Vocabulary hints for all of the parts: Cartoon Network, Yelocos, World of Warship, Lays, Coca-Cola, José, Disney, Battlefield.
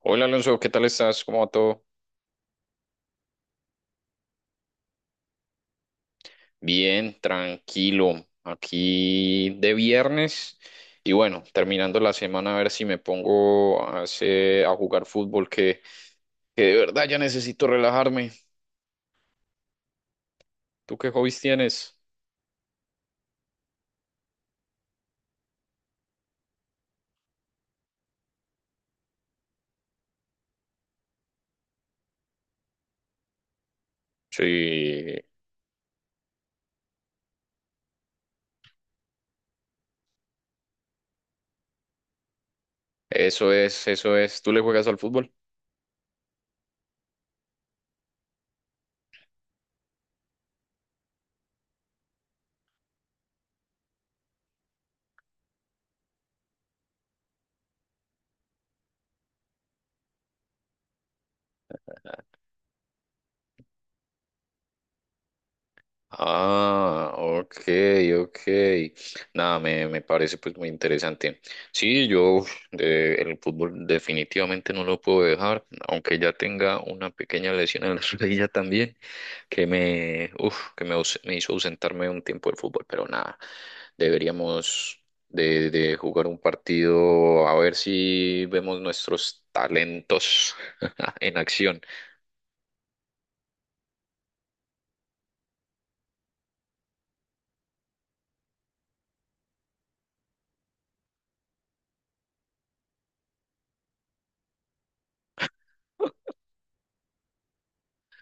Hola Alonso, ¿qué tal estás? ¿Cómo va todo? Bien, tranquilo. Aquí de viernes y bueno, terminando la semana, a ver si me pongo a jugar fútbol, que de verdad ya necesito relajarme. ¿Tú qué hobbies tienes? Sí, eso es, eso es. ¿Tú le juegas al fútbol? Ah, ok, ok. Nada, me parece pues muy interesante. Sí, yo uf, el fútbol definitivamente no lo puedo dejar, aunque ya tenga una pequeña lesión en la rodilla también, que me, uf, que me, aus- me hizo ausentarme un tiempo del fútbol, pero nada, deberíamos de jugar un partido a ver si vemos nuestros talentos en acción.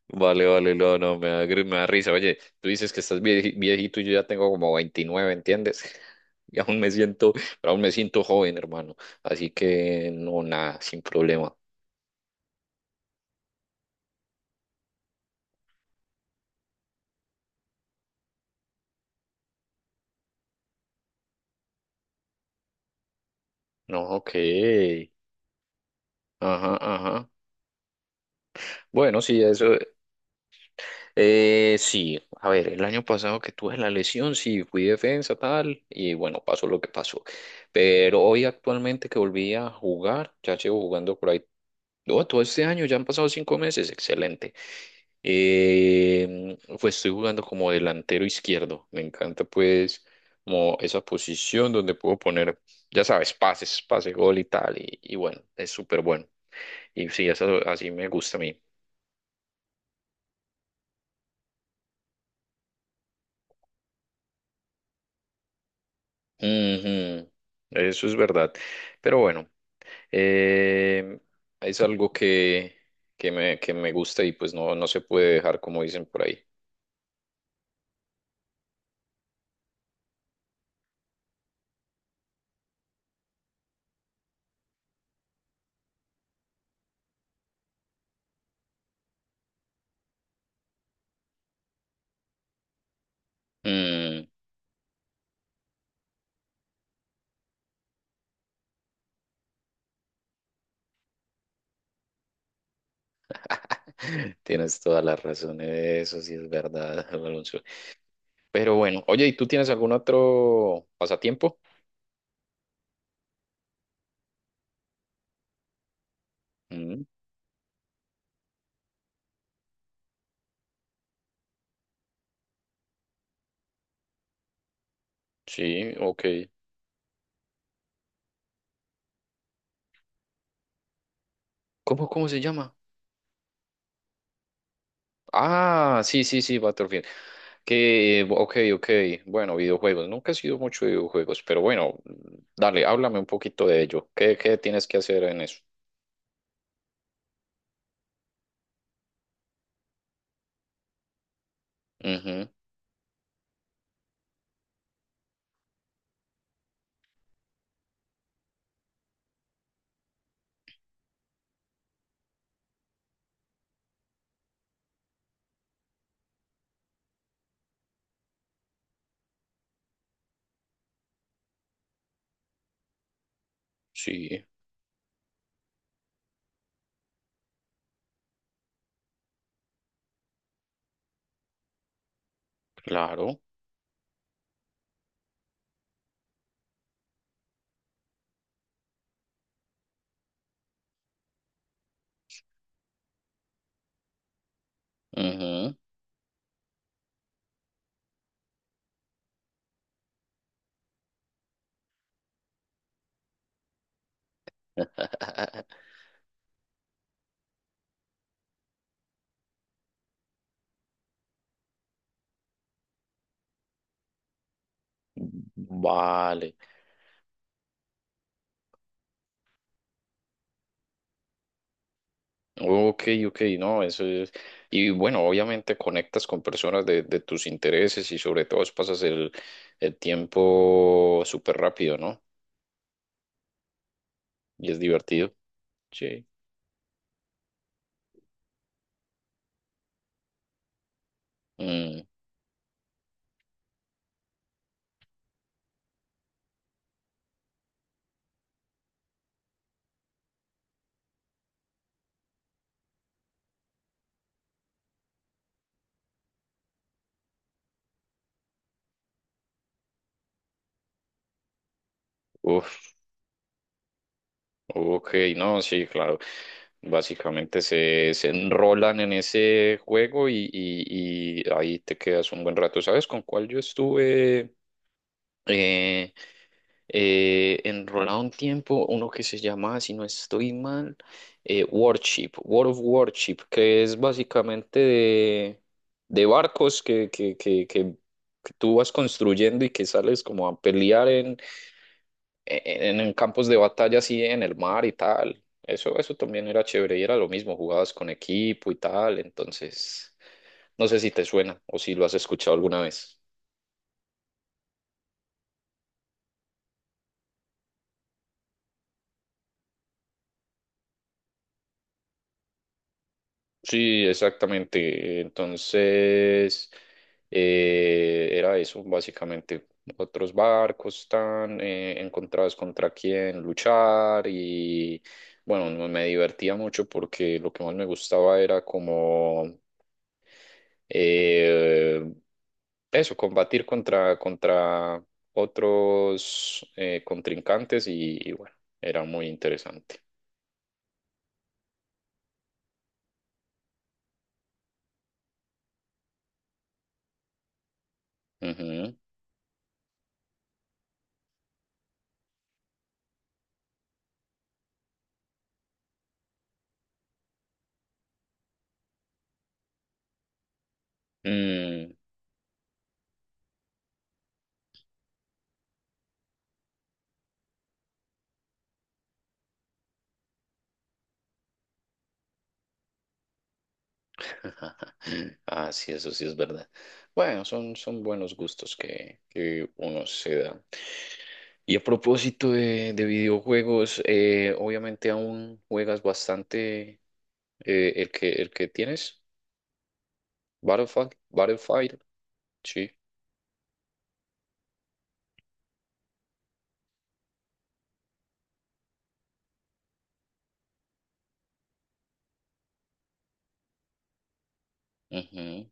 Vale, vale, no, no, me da risa. Oye, tú dices que estás viejito y yo ya tengo como 29, ¿entiendes? Y aún me siento, pero aún me siento joven, hermano. Así que no, nada, sin problema. No, ok. Ajá, ajá. Bueno, sí, eso. Sí, a ver, el año pasado que tuve la lesión, sí, fui defensa, tal, y bueno, pasó lo que pasó. Pero hoy actualmente que volví a jugar, ya llevo jugando por ahí. Oh, todo este año, ya han pasado 5 meses, excelente. Pues estoy jugando como delantero izquierdo. Me encanta pues como esa posición donde puedo poner, ya sabes, pases, pase, gol y tal. Y bueno, es súper bueno. Y sí, eso así me gusta a mí. Ujú. Eso es verdad. Pero bueno, eh, es algo que me gusta y pues no, no se puede dejar como dicen por ahí. Mm. Tienes toda la razón, eso sí es verdad, Alonso. Pero bueno, oye, ¿y tú tienes algún otro pasatiempo? Mm, sí, ok. ¿Cómo se llama? Ah, sí, sí, sí, Battlefield. Que, ok, ok. Bueno, videojuegos. Nunca he sido mucho de videojuegos, pero bueno, dale, háblame un poquito de ello. ¿Qué tienes que hacer en eso? Ujú, sí, claro. Ujú. Vale. Ok, ok, no, eso es. Y bueno, obviamente conectas con personas de tus intereses y sobre todo pasas el tiempo súper rápido, ¿no? Y es divertido. Sí. Mm, uf, ok, no, sí, claro. Básicamente se enrolan en ese juego y ahí te quedas un buen rato. ¿Sabes con cuál yo estuve? eh, Enrolado un tiempo, uno que se llama, si no estoy mal, Warship, World of Warship, que es básicamente de barcos que que tú vas construyendo y que sales como a pelear en campos de batalla así en el mar y tal. Eso también era chévere y era lo mismo, jugabas con equipo y tal, entonces no sé si te suena o si lo has escuchado alguna vez. Sí, exactamente. Entonces, era eso, básicamente. Otros barcos están encontrados contra quién luchar y bueno, me divertía mucho porque lo que más me gustaba era como eh, eso, combatir contra otros contrincantes y bueno, era muy interesante. Ujú. Mm. Ah, sí, eso sí es verdad. Bueno, son buenos gustos que uno se da. Y a propósito de videojuegos, obviamente aún juegas bastante, el que tienes, Battlefield, Battlefield, sí. Ujú,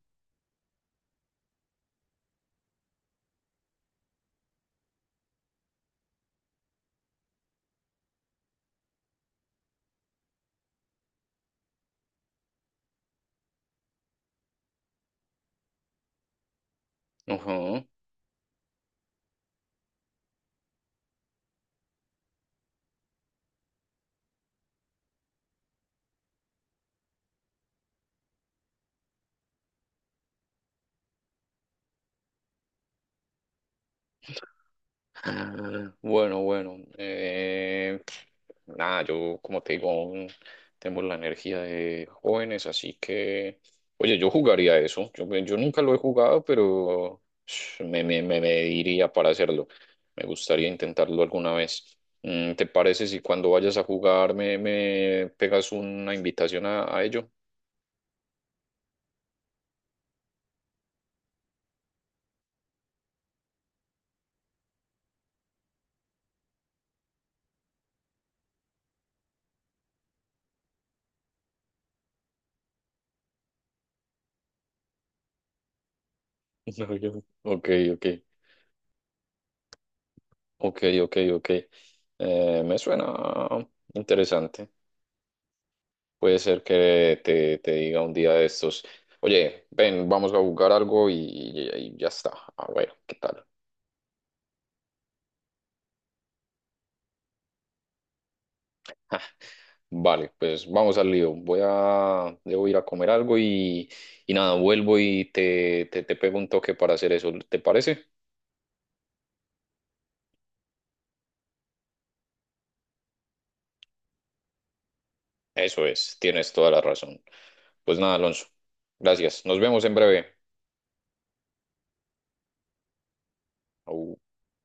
ujú. Ah, bueno, bueno. Nada, yo como te digo, aún tengo la energía de jóvenes, así que, oye, yo jugaría eso. Yo nunca lo he jugado, pero sh, me diría para hacerlo. Me gustaría intentarlo alguna vez. ¿Te parece si cuando vayas a jugar me pegas una invitación a ello? No, Ok, ok, ok, ok, ok. Me suena interesante. Puede ser que te diga un día de estos, oye, ven, vamos a jugar algo y ya está. Ah, bueno, ¿qué tal? Vale, pues vamos al lío. Debo ir a comer algo y nada, vuelvo y te pego un toque para hacer eso. ¿Te parece? Eso es, tienes toda la razón. Pues nada, Alonso. Gracias. Nos vemos en breve. Au.